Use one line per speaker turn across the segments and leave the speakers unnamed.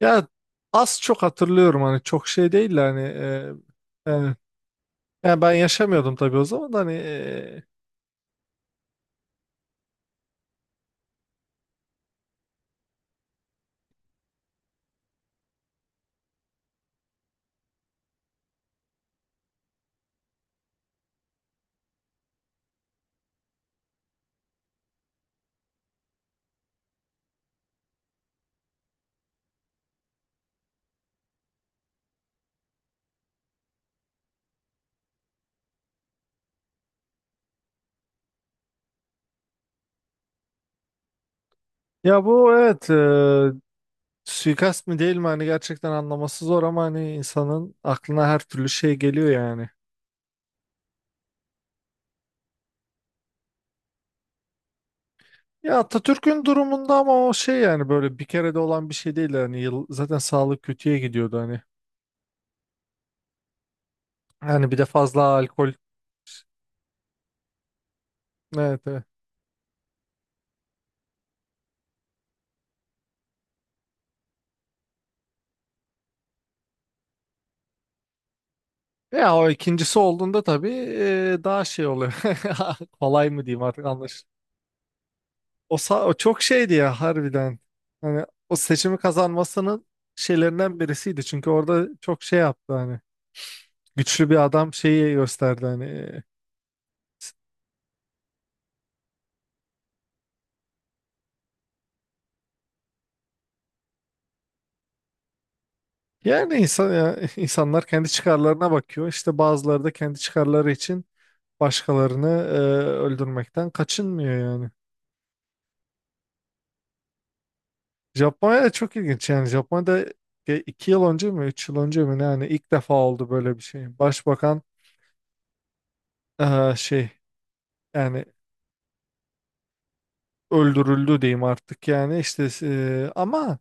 Ya az çok hatırlıyorum hani çok şey değil de hani, e, yani ben yaşamıyordum tabii o zaman da hani, ya bu evet, suikast mı değil mi hani gerçekten anlaması zor ama hani insanın aklına her türlü şey geliyor yani. Ya Atatürk'ün durumunda, ama o şey yani böyle bir kere de olan bir şey değil yani zaten sağlık kötüye gidiyordu hani. Yani bir de fazla alkol. Evet, evet. Ya o ikincisi olduğunda tabii, daha şey oluyor. Kolay mı diyeyim artık. O çok şeydi ya harbiden. Hani o seçimi kazanmasının şeylerinden birisiydi. Çünkü orada çok şey yaptı hani. Güçlü bir adam şeyi gösterdi hani. Yani insan ya, insanlar kendi çıkarlarına bakıyor. İşte bazıları da kendi çıkarları için başkalarını öldürmekten kaçınmıyor yani. Japonya da çok ilginç yani. Japonya'da 2 yıl önce mi, 3 yıl önce mi ne, yani ilk defa oldu böyle bir şey. Başbakan şey yani öldürüldü diyeyim artık yani, işte ama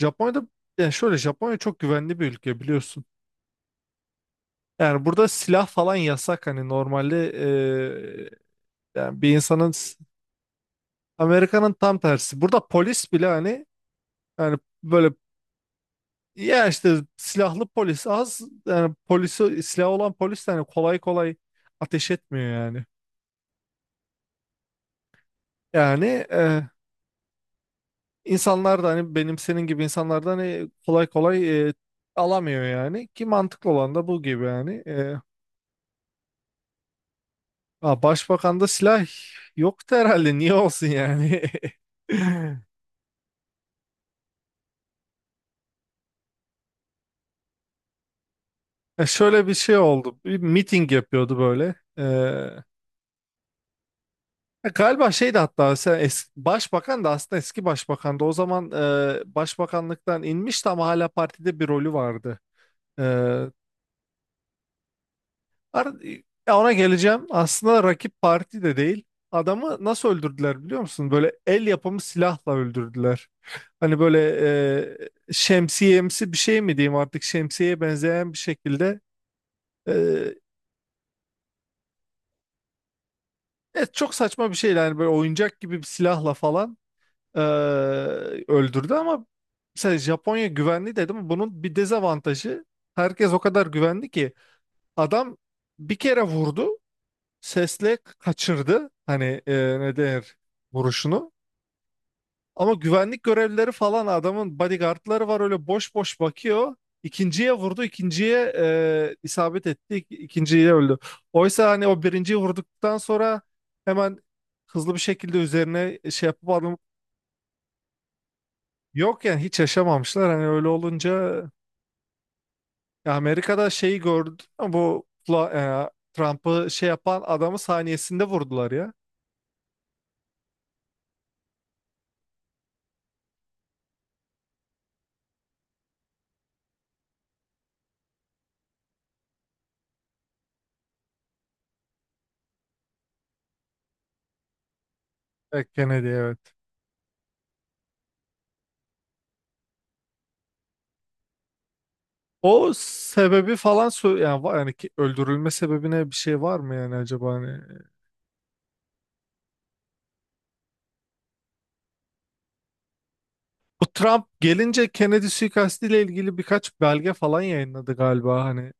Japonya'da yani şöyle, Japonya çok güvenli bir ülke biliyorsun. Yani burada silah falan yasak hani normalde, yani bir insanın Amerika'nın tam tersi. Burada polis bile hani, yani böyle, ya işte silahlı polis az yani polisi silah olan polis de hani kolay kolay ateş etmiyor yani. Yani, e, İnsanlar da hani benim senin gibi insanlardan hani kolay kolay alamıyor yani, ki mantıklı olan da bu gibi yani. Ha, başbakanda silah yoktu herhalde, niye olsun yani. Şöyle bir şey oldu, bir miting yapıyordu böyle. Ya galiba şeydi, hatta sen başbakan da aslında eski başbakan da o zaman başbakanlıktan inmişti ama hala partide bir rolü vardı. E, Ar- Ya, ona geleceğim. Aslında rakip parti de değil. Adamı nasıl öldürdüler biliyor musun? Böyle el yapımı silahla öldürdüler. Hani böyle, şemsiyemsi bir şey mi diyeyim artık, şemsiyeye benzeyen bir şekilde. E, evet, çok saçma bir şeydi. Hani böyle oyuncak gibi bir silahla falan e, öldürdü ama, mesela Japonya güvenli dedim. Bunun bir dezavantajı, herkes o kadar güvenli ki adam bir kere vurdu. Sesle kaçırdı. Hani, ne denir, vuruşunu. Ama güvenlik görevlileri falan, adamın bodyguardları var, öyle boş boş bakıyor. İkinciye vurdu, ikinciye isabet etti, ikinciye öldü. Oysa hani o birinciyi vurduktan sonra hemen, hızlı bir şekilde üzerine şey yapıp adam, yok yani hiç yaşamamışlar. Hani öyle olunca, ya Amerika'da şeyi gördü, bu Trump'ı şey yapan adamı saniyesinde vurdular ya. Evet, Kennedy, evet. O sebebi falan yani, yani ki öldürülme sebebine bir şey var mı yani acaba hani? Bu Trump gelince Kennedy suikastiyle ilgili birkaç belge falan yayınladı galiba hani.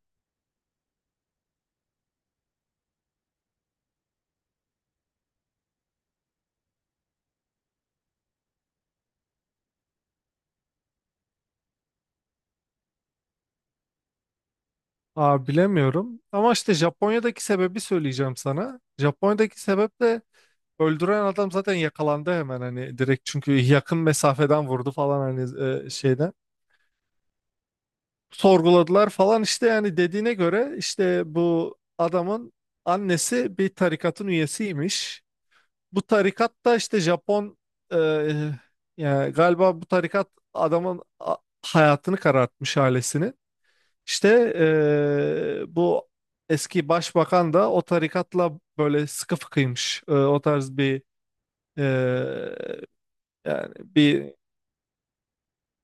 Aa, bilemiyorum ama işte Japonya'daki sebebi söyleyeceğim sana. Japonya'daki sebep de, öldüren adam zaten yakalandı hemen, hani direkt, çünkü yakın mesafeden vurdu falan hani şeyden. Sorguladılar falan işte, yani dediğine göre, işte bu adamın annesi bir tarikatın üyesiymiş. Bu tarikat da işte Japon, e, yani galiba bu tarikat adamın hayatını karartmış, ailesini. İşte bu eski başbakan da o tarikatla böyle sıkı fıkıymış. O tarz bir, e, yani bir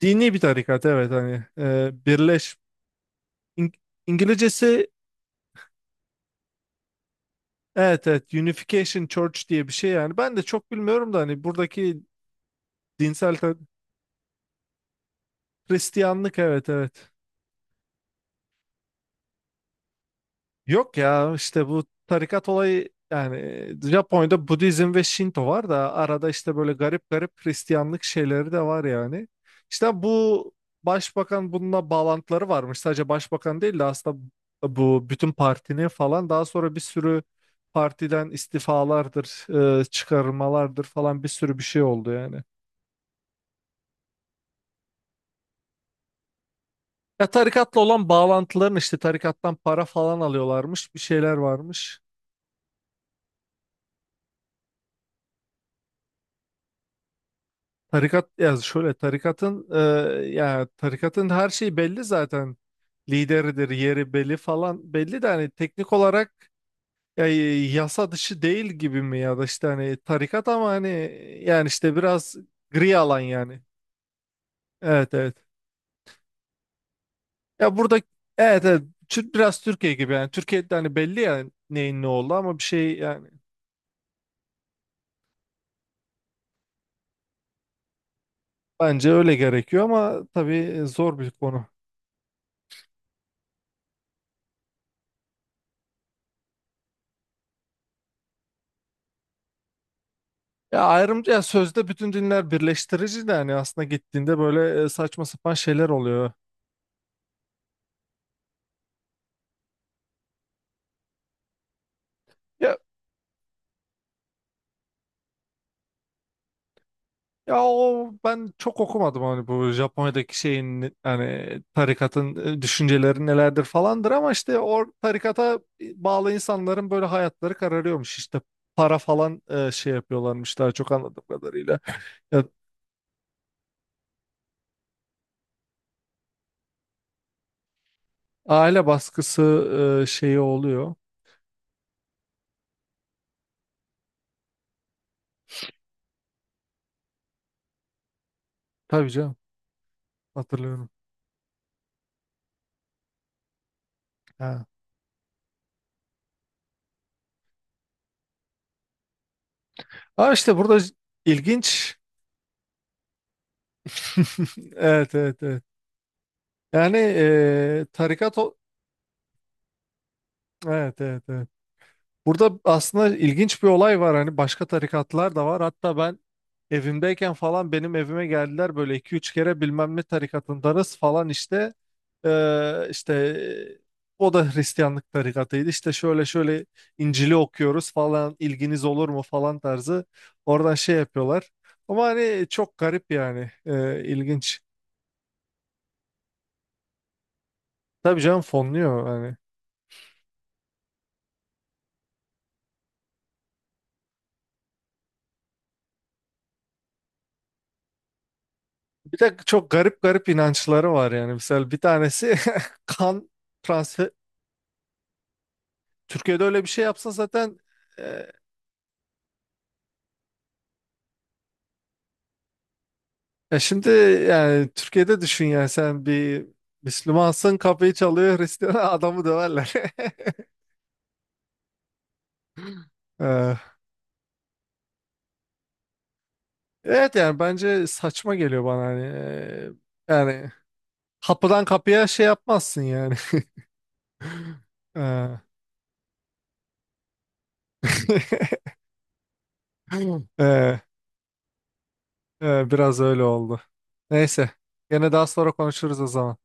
dini bir tarikat evet, hani İng- İngilizcesi, evet evet, Unification Church diye bir şey yani. Ben de çok bilmiyorum da hani buradaki dinsel Hristiyanlık, evet evet. Yok ya, işte bu tarikat olayı, yani Japonya'da Budizm ve Şinto var da arada işte böyle garip garip Hristiyanlık şeyleri de var yani. İşte bu başbakan bununla bağlantıları varmış. Sadece başbakan değil de aslında bu bütün partinin falan, daha sonra bir sürü partiden istifalardır, çıkarmalardır falan, bir sürü bir şey oldu yani. Ya tarikatla olan bağlantıların, işte tarikattan para falan alıyorlarmış, bir şeyler varmış. Tarikat ya şöyle, tarikatın ya tarikatın her şeyi belli zaten. Lideridir, yeri belli falan belli, de hani teknik olarak ya, yasa dışı değil gibi mi, ya da işte hani tarikat ama hani, yani işte biraz gri alan yani. Evet, evet. Ya burada, evet evet biraz Türkiye gibi yani, Türkiye'de hani belli yani neyin ne oldu ama bir şey yani, bence öyle gerekiyor ama tabii zor bir konu. Ya ayrımcı, ya sözde bütün dinler birleştirici de hani aslında gittiğinde böyle saçma sapan şeyler oluyor. Ya ya o ben çok okumadım hani bu Japonya'daki şeyin, hani tarikatın düşünceleri nelerdir falandır, ama işte o tarikata bağlı insanların böyle hayatları kararıyormuş, işte para falan şey yapıyorlarmış, daha çok anladığım kadarıyla. Ya, aile baskısı, şeyi oluyor. Tabii canım, hatırlıyorum. Ha. Ama işte burada ilginç. Evet, evet, evet. Yani, tarikat o... Evet, evet, evet. Burada aslında ilginç bir olay var, hani başka tarikatlar da var. Hatta ben evimdeyken falan benim evime geldiler böyle iki üç kere, bilmem ne tarikatındanız falan işte. İşte o da Hristiyanlık tarikatıydı. İşte şöyle şöyle İncil'i okuyoruz falan, ilginiz olur mu falan tarzı. Oradan şey yapıyorlar. Ama hani çok garip yani, ilginç. Tabii canım, fonluyor hani. Bir de çok garip garip inançları var yani. Mesela bir tanesi, kan transfer. Türkiye'de öyle bir şey yapsa zaten, e, ya şimdi, yani Türkiye'de düşün yani, sen bir Müslümansın, kapıyı çalıyor Hristiyan, adamı döverler. E, Evet yani, bence saçma geliyor bana hani. Yani kapıdan kapıya şey yapmazsın yani. E, e, Biraz öyle oldu. Neyse. Gene daha sonra konuşuruz o zaman.